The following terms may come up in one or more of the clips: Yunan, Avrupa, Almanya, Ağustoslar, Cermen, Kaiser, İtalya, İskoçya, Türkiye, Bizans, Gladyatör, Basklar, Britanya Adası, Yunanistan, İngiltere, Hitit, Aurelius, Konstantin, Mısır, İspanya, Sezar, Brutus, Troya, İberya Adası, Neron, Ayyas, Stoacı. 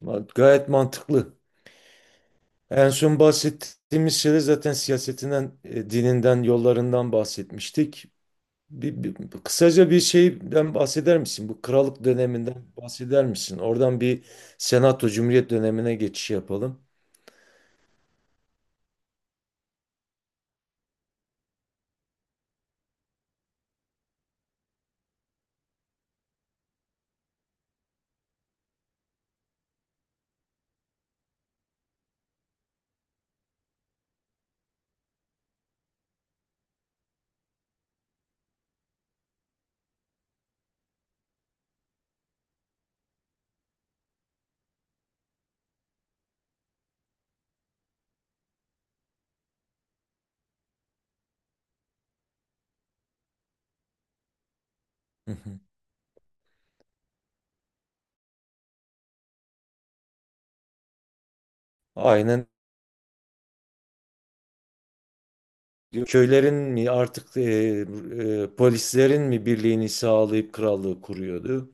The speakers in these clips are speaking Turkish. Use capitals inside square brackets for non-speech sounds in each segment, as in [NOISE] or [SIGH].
Gayet mantıklı. En son bahsettiğimiz şeyde zaten siyasetinden, dininden, yollarından bahsetmiştik. Bir, bir- Kısaca bir şeyden bahseder misin? Bu krallık döneminden bahseder misin? Oradan bir senato cumhuriyet dönemine geçiş yapalım. Hı hı. Aynen. Köylerin mi artık polislerin mi birliğini sağlayıp krallığı kuruyordu?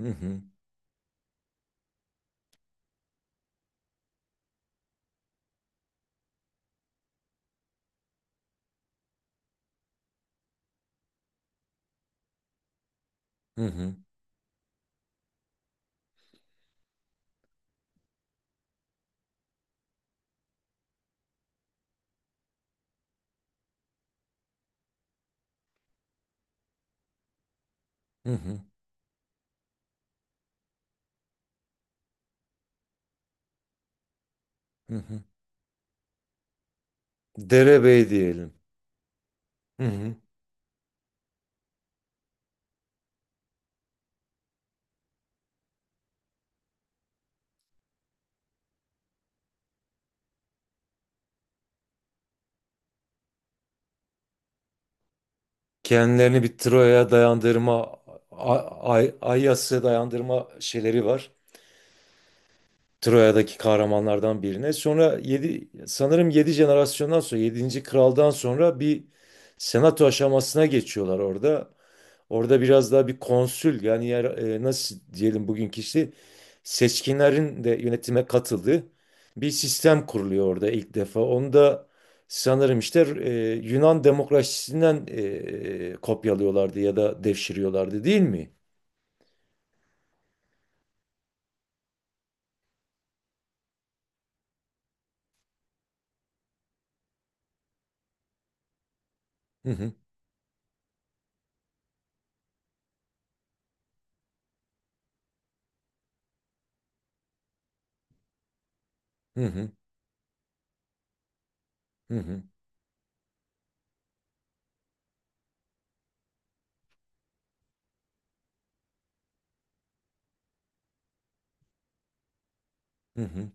Hı hı. Hı hı. Hı hı, hı hı. Derebey diyelim. Hı hı. Kendilerini bir Troya'ya dayandırma, Ayyas'a dayandırma şeyleri var. Troya'daki kahramanlardan birine. Sonra 7 sanırım 7 jenerasyondan sonra yedinci kraldan sonra bir senato aşamasına geçiyorlar orada. Orada biraz daha bir konsül yani yer, nasıl diyelim bugünkü işte seçkinlerin de yönetime katıldığı bir sistem kuruluyor orada ilk defa. Onu da sanırım işte Yunan demokrasisinden kopyalıyorlardı ya da devşiriyorlardı değil mi? Hı hı, hı hı, hı hı. Hı hı.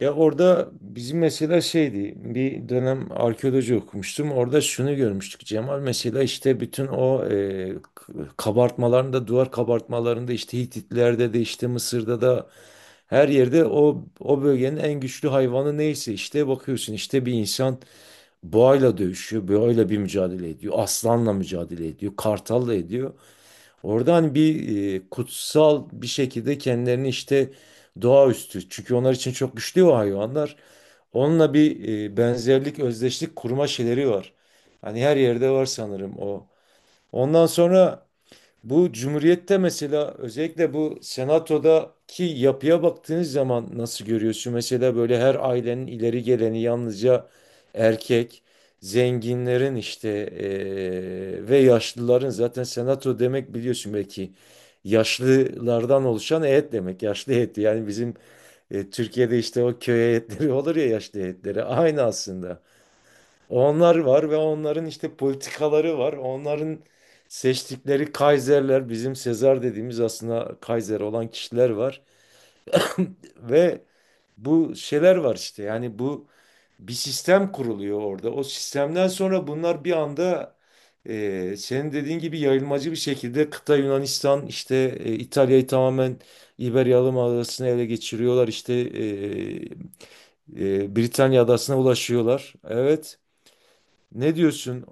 Ya orada bizim mesela şeydi bir dönem arkeoloji okumuştum. Orada şunu görmüştük Cemal, mesela işte bütün o kabartmalarında, duvar kabartmalarında, işte Hititlerde de, işte Mısır'da da her yerde o o bölgenin en güçlü hayvanı neyse işte bakıyorsun işte bir insan boğayla dövüşüyor, boğayla bir mücadele ediyor, aslanla mücadele ediyor, kartalla ediyor. Oradan bir kutsal bir şekilde kendilerini işte doğaüstü. Çünkü onlar için çok güçlü o hayvanlar. Onunla bir benzerlik, özdeşlik kurma şeyleri var. Hani her yerde var sanırım o. Ondan sonra bu cumhuriyette mesela özellikle bu senatodaki yapıya baktığınız zaman nasıl görüyorsun? Mesela böyle her ailenin ileri geleni yalnızca erkek, zenginlerin işte ve yaşlıların, zaten senato demek biliyorsun belki yaşlılardan oluşan heyet demek. Yaşlı heyeti yani bizim Türkiye'de işte o köy heyetleri [LAUGHS] olur ya, yaşlı heyetleri aynı aslında. Onlar var ve onların işte politikaları var. Onların seçtikleri Kaiserler, bizim Sezar dediğimiz aslında Kaiser olan kişiler var. Ve bu şeyler var işte. Yani bu bir sistem kuruluyor orada. O sistemden sonra bunlar bir anda senin dediğin gibi yayılmacı bir şekilde kıta Yunanistan, işte İtalya'yı tamamen İberya Adası'na ele geçiriyorlar. İşte Britanya Adası'na ulaşıyorlar. Evet. Ne diyorsun?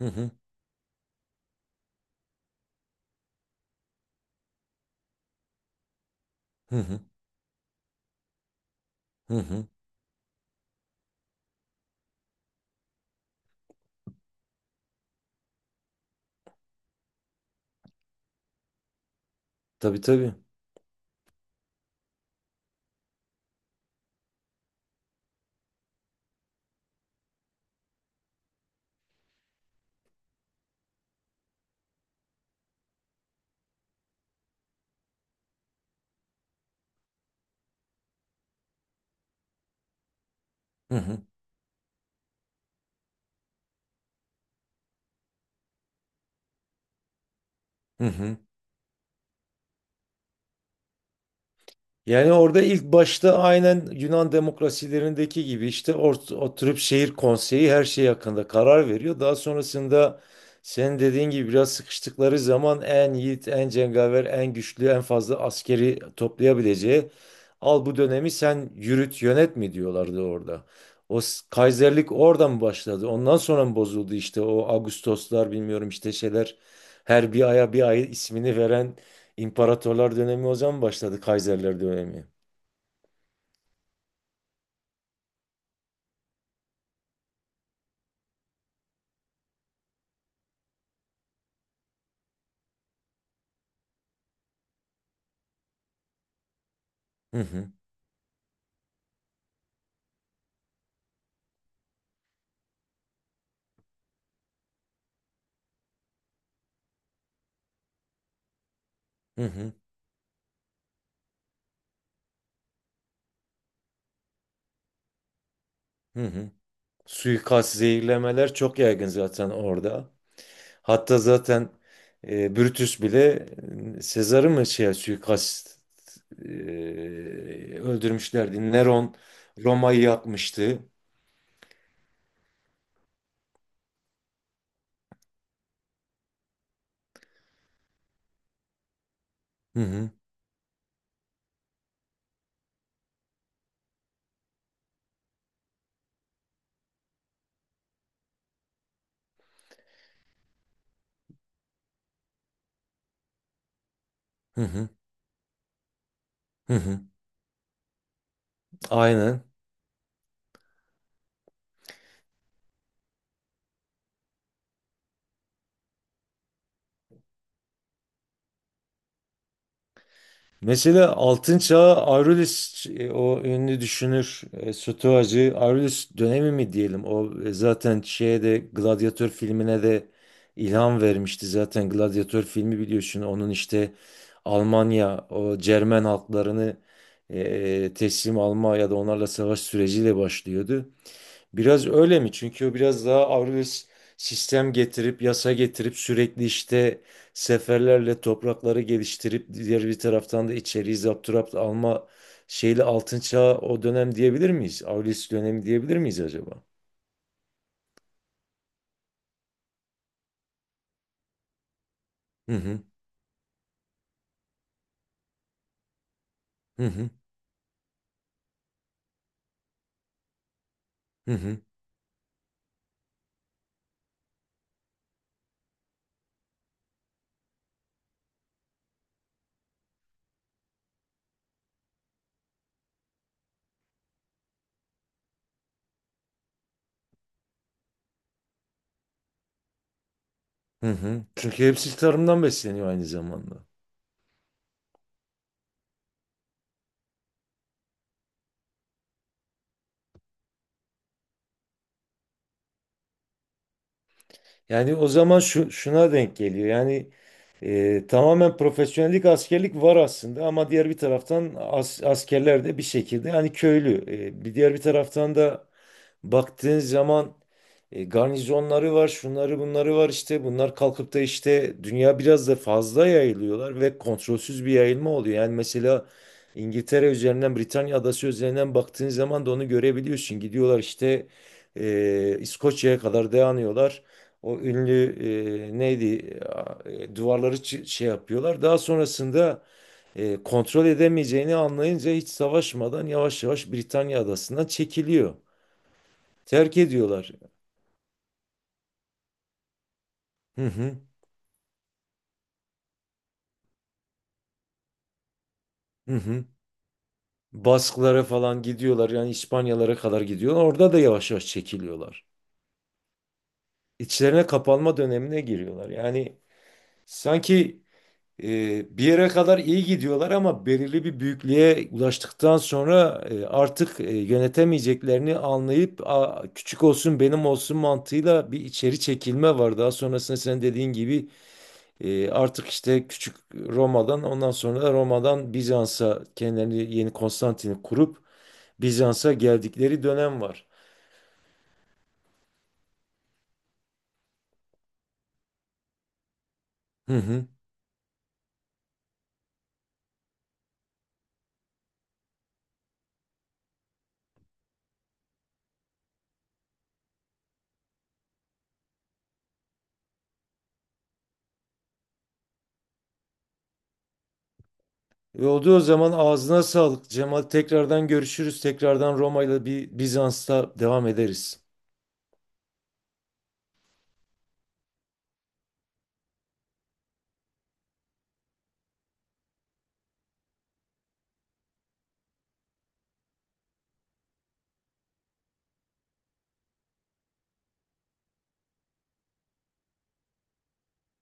Hı hı. Hı hı. Hı hı. Tabii tabii. Hı hı. Hı hı. Yani orada ilk başta aynen Yunan demokrasilerindeki gibi işte oturup şehir konseyi her şey hakkında karar veriyor. Daha sonrasında senin dediğin gibi biraz sıkıştıkları zaman en yiğit, en cengaver, en güçlü, en fazla askeri toplayabileceği al bu dönemi sen yürüt, yönet mi diyorlardı orada. Kaiserlik oradan başladı? Ondan sonra mı bozuldu işte o Ağustoslar, bilmiyorum işte şeyler, her bir aya bir ay ismini veren İmparatorlar dönemi o zaman başladı, Kaiserler dönemi. Hı hı, hı hı, hı hı. Suikast, zehirlemeler çok yaygın zaten orada. Hatta zaten Brutus bile Sezar'ı mı şey suikast e, öldürmüşlerdi. Neron Roma'yı yakmıştı. Hı hı, hı hı, hı hı. Aynen. Mesela Altın Çağ Aurelius, o ünlü düşünür, Stoacı Aurelius dönemi mi diyelim o, zaten şeye de Gladyatör filmine de ilham vermişti, zaten Gladyatör filmi biliyorsun onun işte Almanya o Cermen halklarını teslim alma ya da onlarla savaş süreciyle başlıyordu. Biraz öyle mi? Çünkü o biraz daha Avrupa sistem getirip yasa getirip sürekli işte seferlerle toprakları geliştirip diğer bir taraftan da içeriği zapturapt alma şeyle altın çağı o dönem diyebilir miyiz? Avrupa dönemi diyebilir miyiz acaba? Hı hı, hı hı, hı hı. Hı hı. Çünkü hepsi tarımdan besleniyor aynı zamanda. Yani o zaman şu, şuna denk geliyor. Yani tamamen profesyonellik, askerlik var aslında ama diğer bir taraftan askerler de bir şekilde hani köylü. E, bir diğer bir taraftan da baktığın zaman garnizonları var, şunları bunları var işte. Bunlar kalkıp da işte dünya biraz da fazla yayılıyorlar ve kontrolsüz bir yayılma oluyor. Yani mesela İngiltere üzerinden, Britanya adası üzerinden baktığın zaman da onu görebiliyorsun. Gidiyorlar işte İskoçya'ya kadar dayanıyorlar. O ünlü neydi, duvarları şey yapıyorlar. Daha sonrasında kontrol edemeyeceğini anlayınca hiç savaşmadan yavaş yavaş Britanya adasından çekiliyor. Terk ediyorlar. Hı hı. Hı hı. Basklara falan gidiyorlar, yani İspanyalara kadar gidiyorlar. Orada da yavaş yavaş çekiliyorlar. İçlerine kapanma dönemine giriyorlar. Yani sanki bir yere kadar iyi gidiyorlar ama belirli bir büyüklüğe ulaştıktan sonra artık yönetemeyeceklerini anlayıp "Aa, küçük olsun benim olsun" mantığıyla bir içeri çekilme var. Daha sonrasında sen dediğin gibi, artık işte küçük Roma'dan, ondan sonra da Roma'dan Bizans'a kendilerini yeni Konstantin'i kurup Bizans'a geldikleri dönem var. Hı hı. E, oldu o zaman, ağzına sağlık Cemal. Tekrardan görüşürüz. Tekrardan Roma'yla bir Bizans'ta devam ederiz.